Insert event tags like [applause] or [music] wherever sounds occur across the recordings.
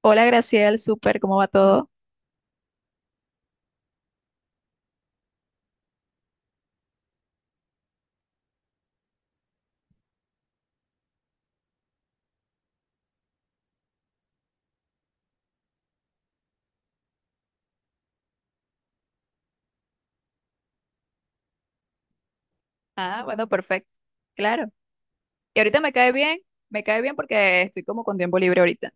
Hola Graciel, súper, ¿cómo va todo? Ah, bueno, perfecto, claro. Y ahorita me cae bien porque estoy como con tiempo libre ahorita.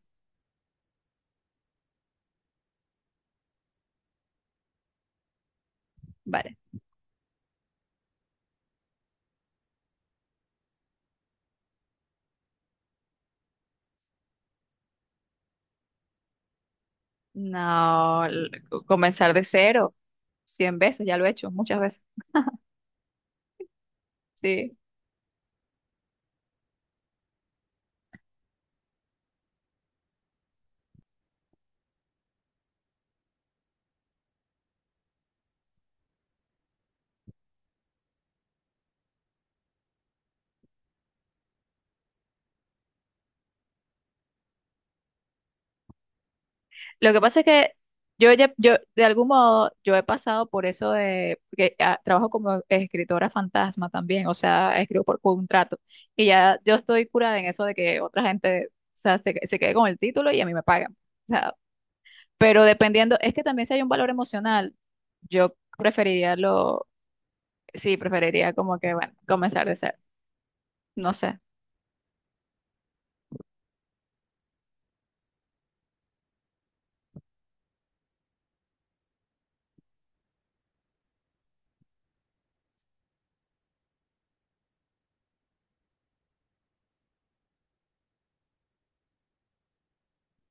Vale. No, comenzar de cero, cien veces, ya lo he hecho, muchas veces. Sí. Lo que pasa es que de algún modo, yo he pasado por eso de, porque trabajo como escritora fantasma también, o sea, escribo por contrato. Y ya yo estoy curada en eso de que otra gente, o sea, se quede con el título y a mí me pagan. Pero dependiendo, es que también si hay un valor emocional, yo preferiría lo, sí, preferiría como que, bueno, comenzar de ser, no sé.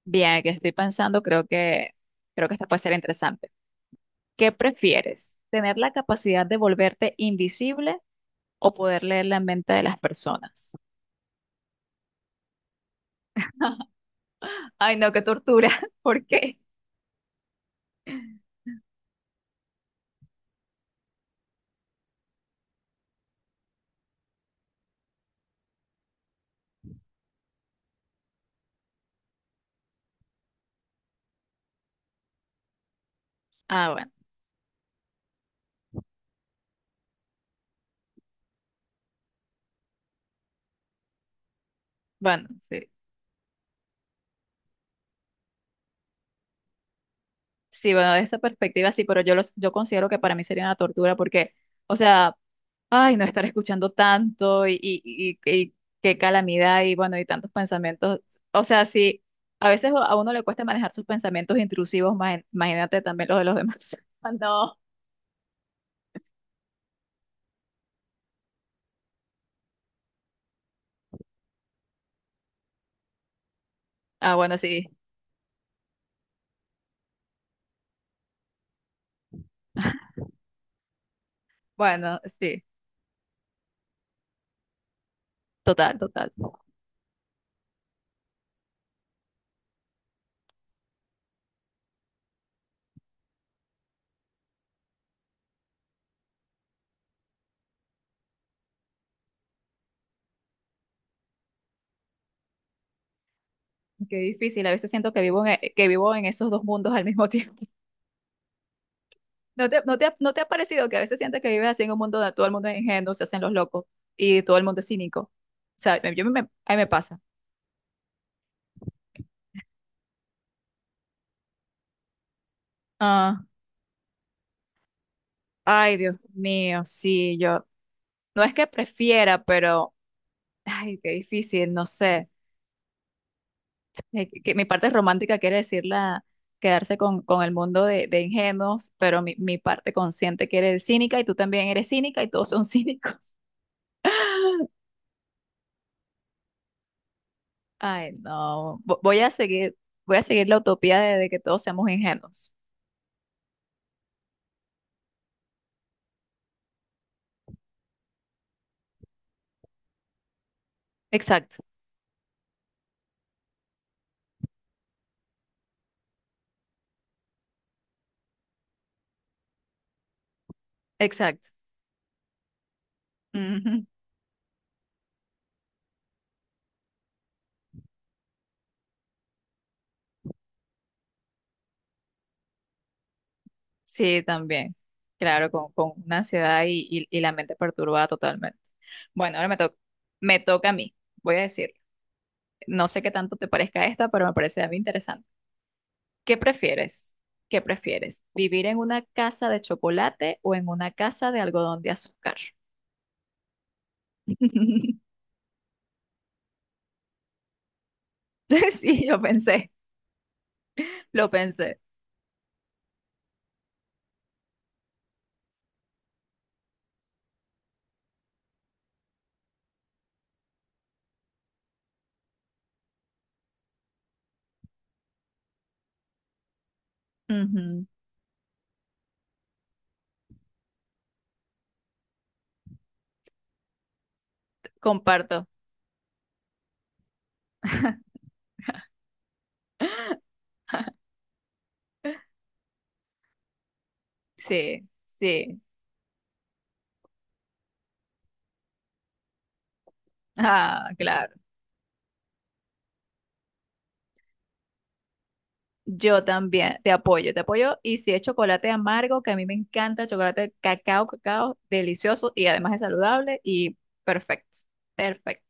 Bien, que estoy pensando, creo que esta puede ser interesante. ¿Qué prefieres? ¿Tener la capacidad de volverte invisible o poder leer la mente de las personas? Ay, no, qué tortura. [laughs] ¿Por qué? Ah, bueno, bueno, sí. Sí, bueno, de esa perspectiva sí, pero yo considero que para mí sería una tortura porque, o sea, ay, no estar escuchando tanto y qué calamidad y bueno, y tantos pensamientos. O sea, sí, a veces a uno le cuesta manejar sus pensamientos intrusivos, imagínate también los de los demás. [laughs] Ah, no. Ah, bueno, sí. [laughs] Bueno, sí. Total, total. Qué difícil. A veces siento que que vivo en esos dos mundos al mismo tiempo. [laughs] ¿No te, no te ha parecido que a veces sientes que vives así en un mundo donde todo el mundo es ingenuo, se hacen los locos y todo el mundo es cínico? O sea, a mí me pasa. Ah, ay, Dios mío, sí, yo. No es que prefiera, pero, ay, qué difícil, no sé. Que mi parte romántica quiere decir la, quedarse con el mundo de ingenuos, pero mi parte consciente quiere decir cínica y tú también eres cínica y todos son cínicos. [laughs] Ay, no. Voy a seguir la utopía de que todos seamos ingenuos. Exacto, exacto. Ujú. Sí, también. Claro, con una ansiedad y la mente perturbada totalmente. Bueno, ahora me toca a mí, voy a decir. No sé qué tanto te parezca esta, pero me parece a mí interesante. ¿Qué prefieres? ¿Qué prefieres? ¿Vivir en una casa de chocolate o en una casa de algodón de azúcar? [laughs] Sí, yo pensé, lo pensé. Ujú, comparto. [laughs] Sí, sí. Ah, claro. Yo también te apoyo, te apoyo. Y si es chocolate amargo, que a mí me encanta, chocolate cacao, cacao, delicioso y además es saludable y perfecto, perfecto.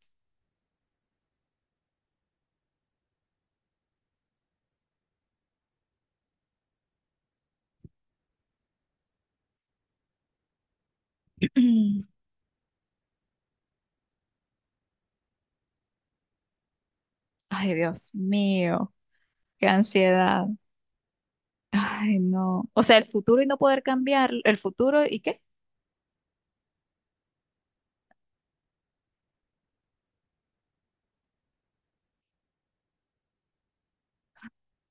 [clears throat] Ay, Dios mío. Qué ansiedad. Ay, no. O sea, el futuro y no poder cambiar el futuro y qué.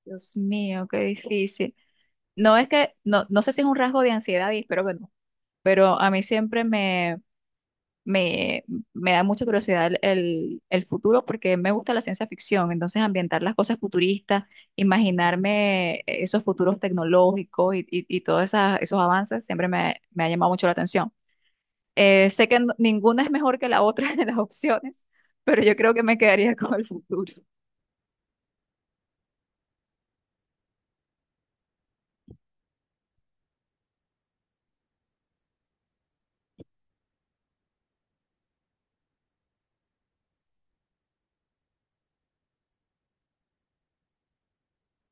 Dios mío, qué difícil. No es que, no, no sé si es un rasgo de ansiedad y espero que no, pero a mí siempre me, me da mucha curiosidad el futuro porque me gusta la ciencia ficción, entonces ambientar las cosas futuristas, imaginarme esos futuros tecnológicos y todos esos avances me ha llamado mucho la atención. Sé que ninguna es mejor que la otra [laughs] de las opciones, pero yo creo que me quedaría con el futuro.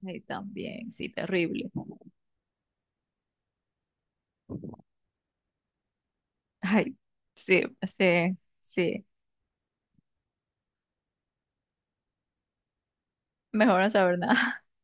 Y también, sí, terrible. Ay, sí, sí, sí. Mejor no saber nada. [laughs]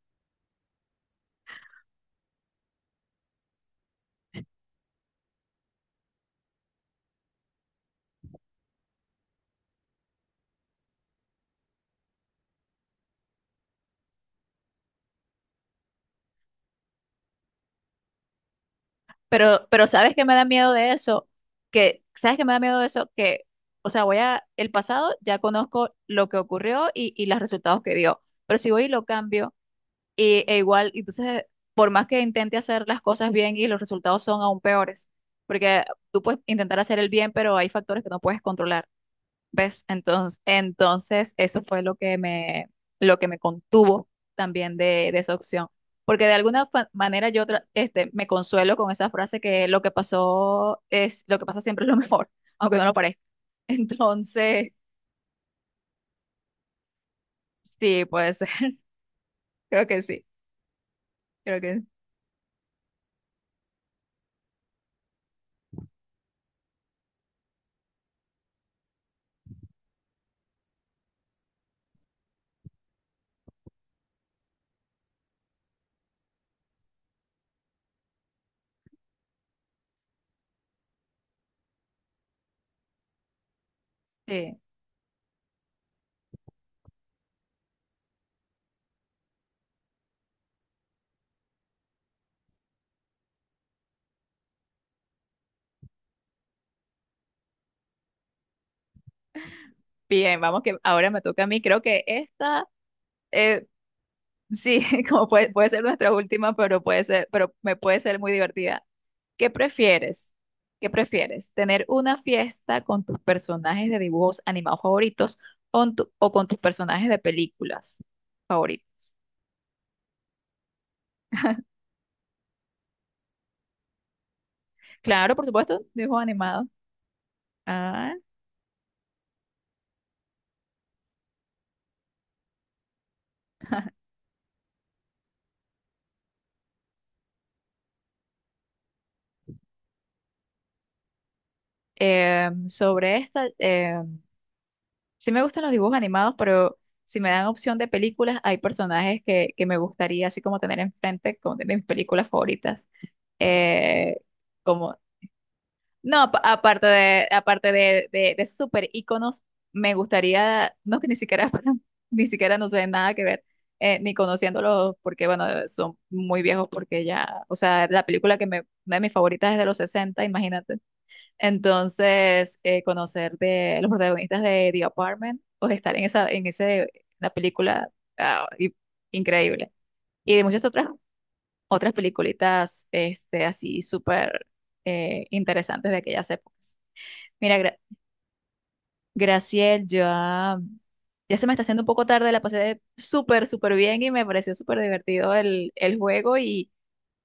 Pero ¿sabes qué me da miedo de eso? Que, ¿sabes qué me da miedo de eso? Que, o sea, voy a, el pasado ya conozco lo que ocurrió y los resultados que dio. Pero si voy y lo cambio, y e igual, entonces, por más que intente hacer las cosas bien y los resultados son aún peores, porque tú puedes intentar hacer el bien, pero hay factores que no puedes controlar, ¿ves? Entonces eso fue lo que me contuvo también de esa opción. Porque de alguna manera este, me consuelo con esa frase que lo que pasó es, lo que pasa siempre es lo mejor, [laughs] aunque no lo parezca. Entonces, sí, pues [laughs] creo que sí, creo que sí. Bien, vamos que ahora me toca a mí. Creo que esta, eh, sí, [laughs] como puede, puede ser nuestra última, pero puede ser, pero me puede ser muy divertida. ¿Qué prefieres? ¿Qué prefieres? ¿Tener una fiesta con tus personajes de dibujos animados favoritos o, o con tus personajes de películas favoritos? Claro, por supuesto, dibujos animados. Ah, em, sobre esta, em, sí me gustan los dibujos animados, pero si me dan opción de películas, hay personajes que me gustaría así como tener enfrente como de mis películas favoritas. Eh, como, no, aparte de super íconos, me gustaría, no que ni siquiera, [laughs] ni siquiera no sé nada que ver, ni conociéndolos, porque bueno, son muy viejos, porque ya, o sea, la película que me, una de mis favoritas es de los 60, imagínate entonces, conocer de los protagonistas de The Apartment o estar en esa, en ese, la película, ah, increíble. Y de muchas otras, otras peliculitas, este, así súper interesantes de aquellas épocas. Mira, Graciel, ya, ya se me está haciendo un poco tarde, la pasé súper, súper bien y me pareció súper divertido el juego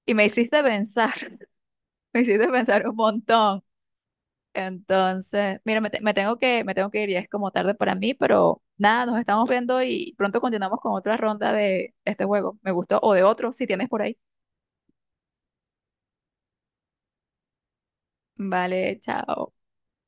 y me hiciste pensar, [laughs] me hiciste pensar un montón. Entonces, mira, me tengo que ir, ya es como tarde para mí, pero nada, nos estamos viendo y pronto continuamos con otra ronda de este juego. Me gustó, o de otro, si tienes por ahí. Vale, chao.